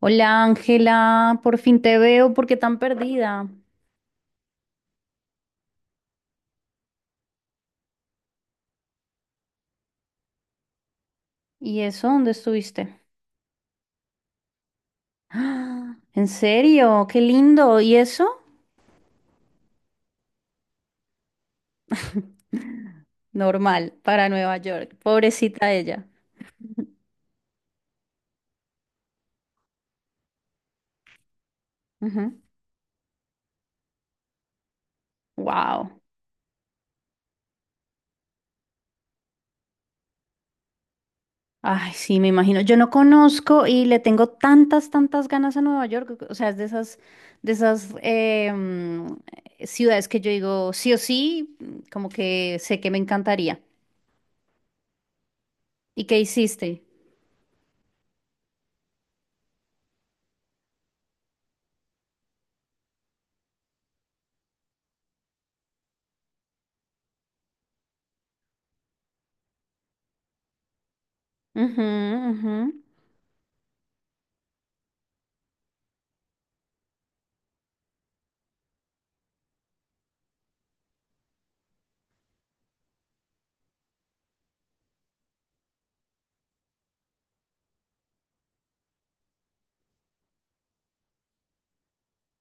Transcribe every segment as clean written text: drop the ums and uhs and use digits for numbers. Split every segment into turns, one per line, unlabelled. Hola Ángela, por fin te veo, ¿por qué tan perdida? ¿Y eso? ¿Dónde estuviste? ¡Ah! ¿En serio? ¡Qué lindo! ¿Y eso? Normal, para Nueva York. Pobrecita ella. Wow. Ay, sí, me imagino. Yo no conozco y le tengo tantas, tantas ganas a Nueva York. O sea, es de esas, de esas ciudades que yo digo sí o sí, como que sé que me encantaría. ¿Y qué hiciste? Ujú, ujú.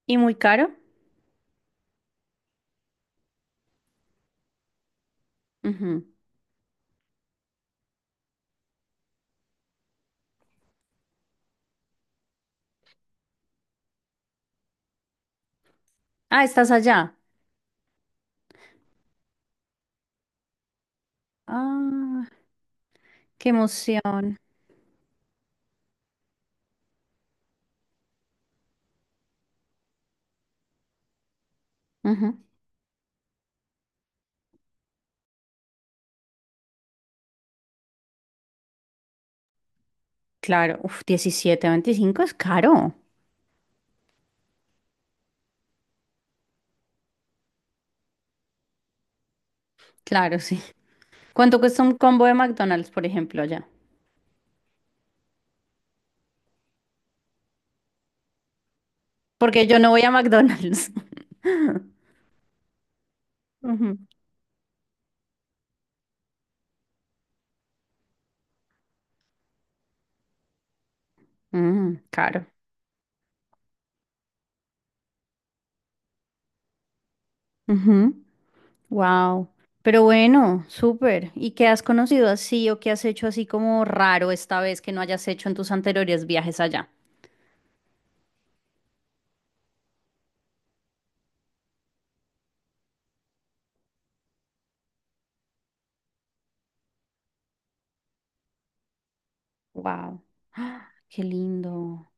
¿Y muy caro? Ujú. Ah, estás allá. Ah, qué emoción. Ujú. Claro, uf, 17, 25 es caro. Claro, sí. ¿Cuánto cuesta un combo de McDonald's, por ejemplo, allá? Porque yo no voy a McDonald's. Ujú. Mm, caro. Wow. Pero bueno, súper. ¿Y qué has conocido así o qué has hecho así como raro esta vez que no hayas hecho en tus anteriores viajes allá? Wow. Qué lindo.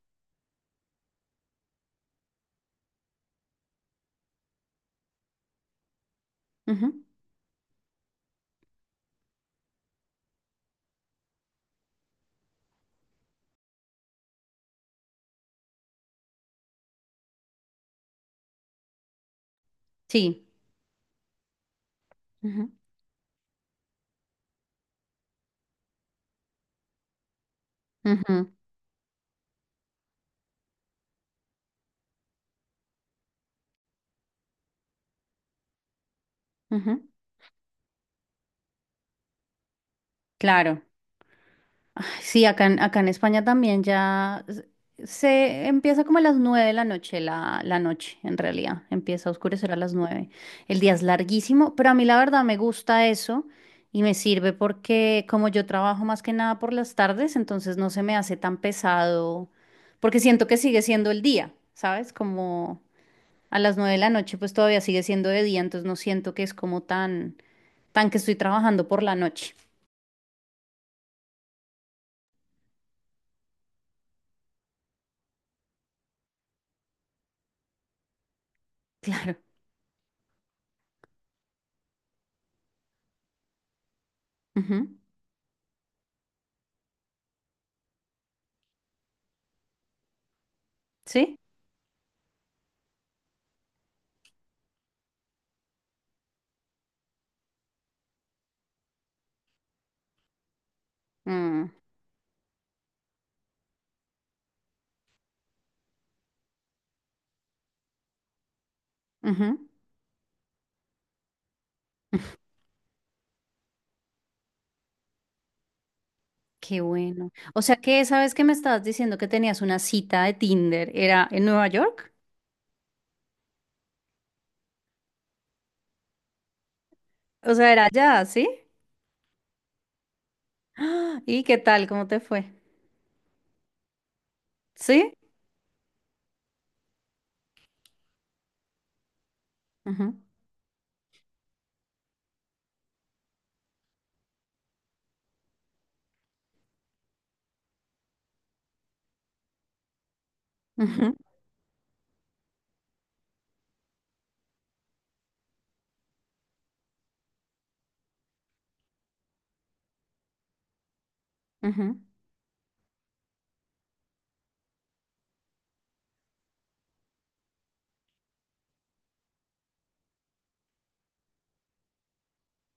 Ujú. Sí. Ujú. Ujú. Ujú. Claro. Sí, acá en, acá en España también se empieza como a las 9 de la noche, la, la noche en realidad. Empieza a oscurecer a las 9. El día es larguísimo, pero a mí la verdad me gusta eso y me sirve porque como yo trabajo más que nada por las tardes, entonces no se me hace tan pesado porque siento que sigue siendo el día, ¿sabes? Como a las nueve de la noche pues todavía sigue siendo de día, entonces no siento que es como tan, tan que estoy trabajando por la noche. Claro. Ujú. Sí. Mm, ujú. Qué bueno. O sea que esa vez que me estabas diciendo que tenías una cita de Tinder, ¿era en Nueva York? O sea, era allá, ¿sí? ¡Ah! ¿Y qué tal? ¿Cómo te fue? Sí. Ujú, ujú, ujú,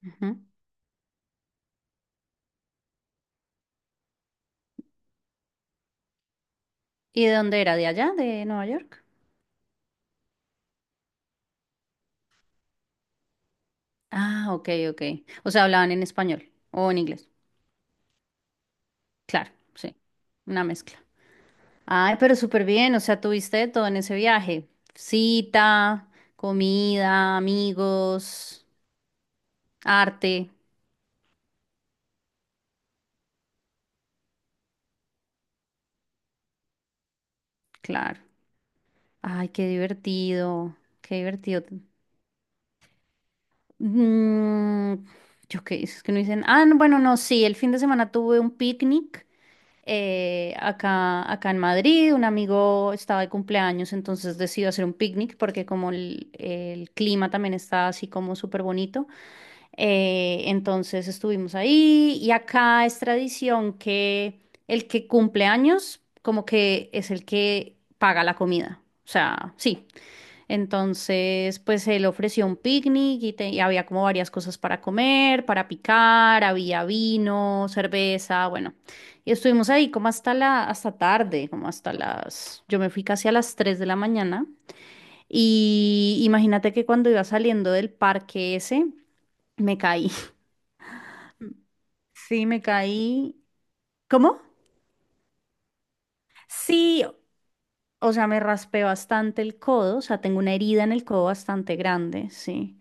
ujú. ¿Y de dónde era? ¿De allá? ¿De Nueva York? Ah, ok, ok. O sea, hablaban en español o en inglés. Claro, sí. Una mezcla. Ay, pero súper bien. O sea, tuviste de todo en ese viaje. Cita, comida, amigos, arte. Claro. Ay, qué divertido, qué divertido. Mm, yo qué es que no dicen. Ah, no, bueno, no, sí, el fin de semana tuve un picnic acá, acá en Madrid. Un amigo estaba de cumpleaños, entonces decidió hacer un picnic porque como el clima también está así como súper bonito. Entonces estuvimos ahí y acá es tradición que el que cumple años como que es el que paga la comida. O sea, sí. Entonces, pues él ofreció un picnic y había como varias cosas para comer, para picar, había vino, cerveza, bueno. Y estuvimos ahí como hasta la, hasta tarde, como hasta las, yo me fui casi a las 3 de la mañana. Y imagínate que cuando iba saliendo del parque ese, me caí. Sí, me caí. ¿Cómo? Sí, o sea, me raspé bastante el codo, o sea, tengo una herida en el codo bastante grande, sí.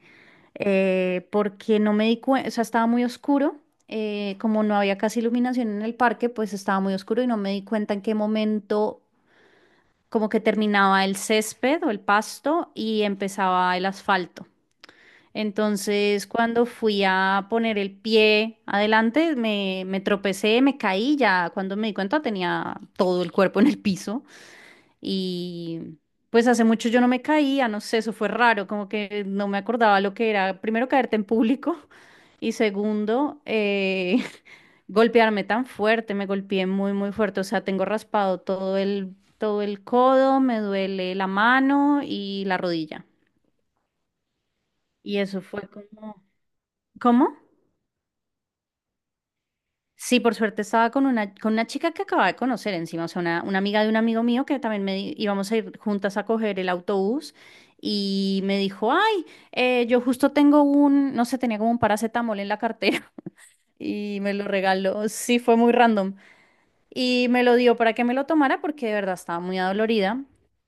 Porque no me di cuenta, o sea, estaba muy oscuro, como no había casi iluminación en el parque, pues estaba muy oscuro y no me di cuenta en qué momento como que terminaba el césped o el pasto y empezaba el asfalto. Entonces, cuando fui a poner el pie adelante, me tropecé, me caí, ya cuando me di cuenta tenía todo el cuerpo en el piso. Y pues hace mucho yo no me caía, no sé, eso fue raro, como que no me acordaba lo que era, primero caerte en público y segundo, golpearme tan fuerte, me golpeé muy, muy fuerte, o sea, tengo raspado todo el codo, me duele la mano y la rodilla. Y eso fue como... ¿Cómo? Sí, por suerte estaba con una chica que acababa de conocer encima, o sea, una amiga de un amigo mío que también íbamos a ir juntas a coger el autobús y me dijo, ay, yo justo tengo un, no sé, tenía como un paracetamol en la cartera y me lo regaló, sí, fue muy random y me lo dio para que me lo tomara porque de verdad estaba muy adolorida.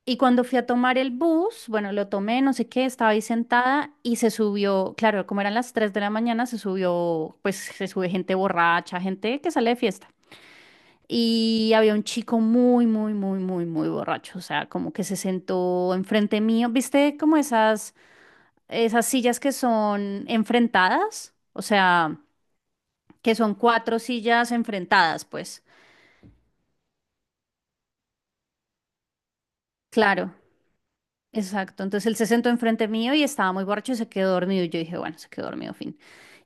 Y cuando fui a tomar el bus, bueno, lo tomé, no sé qué, estaba ahí sentada y se subió, claro, como eran las 3 de la mañana, se subió, pues se sube gente borracha, gente que sale de fiesta. Y había un chico muy, muy, muy, muy, muy borracho. O sea, como que se sentó enfrente mío. ¿Viste como esas, esas sillas que son enfrentadas? O sea, que son cuatro sillas enfrentadas, pues. Claro, exacto. Entonces él se sentó enfrente mío y estaba muy borracho y se quedó dormido. Y yo dije, bueno, se quedó dormido, fin.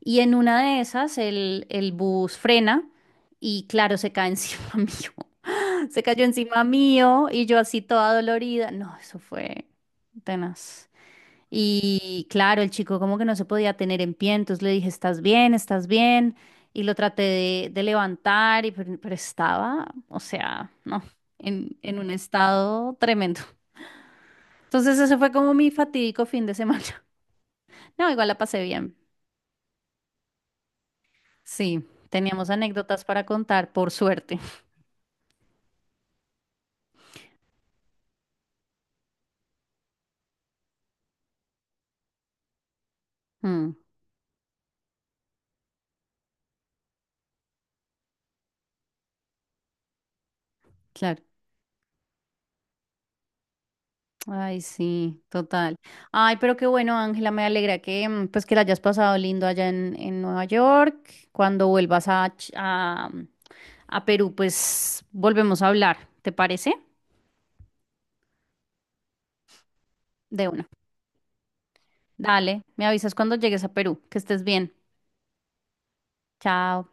Y en una de esas, el bus frena y, claro, se cae encima mío. Se cayó encima mío y yo así toda dolorida. No, eso fue tenaz. Y claro, el chico como que no se podía tener en pie, entonces le dije, ¿estás bien? ¿Estás bien? Y lo traté de levantar, y, pero estaba, o sea, no, en un estado tremendo. Entonces ese fue como mi fatídico fin de semana. No, igual la pasé bien. Sí, teníamos anécdotas para contar, por suerte. Mm, claro. Ay, sí, total. Ay, pero qué bueno, Ángela, me alegra que pues que la hayas pasado lindo allá en Nueva York. Cuando vuelvas a, a Perú, pues volvemos a hablar, ¿te parece? De una. Dale, me avisas cuando llegues a Perú, que estés bien. Chao.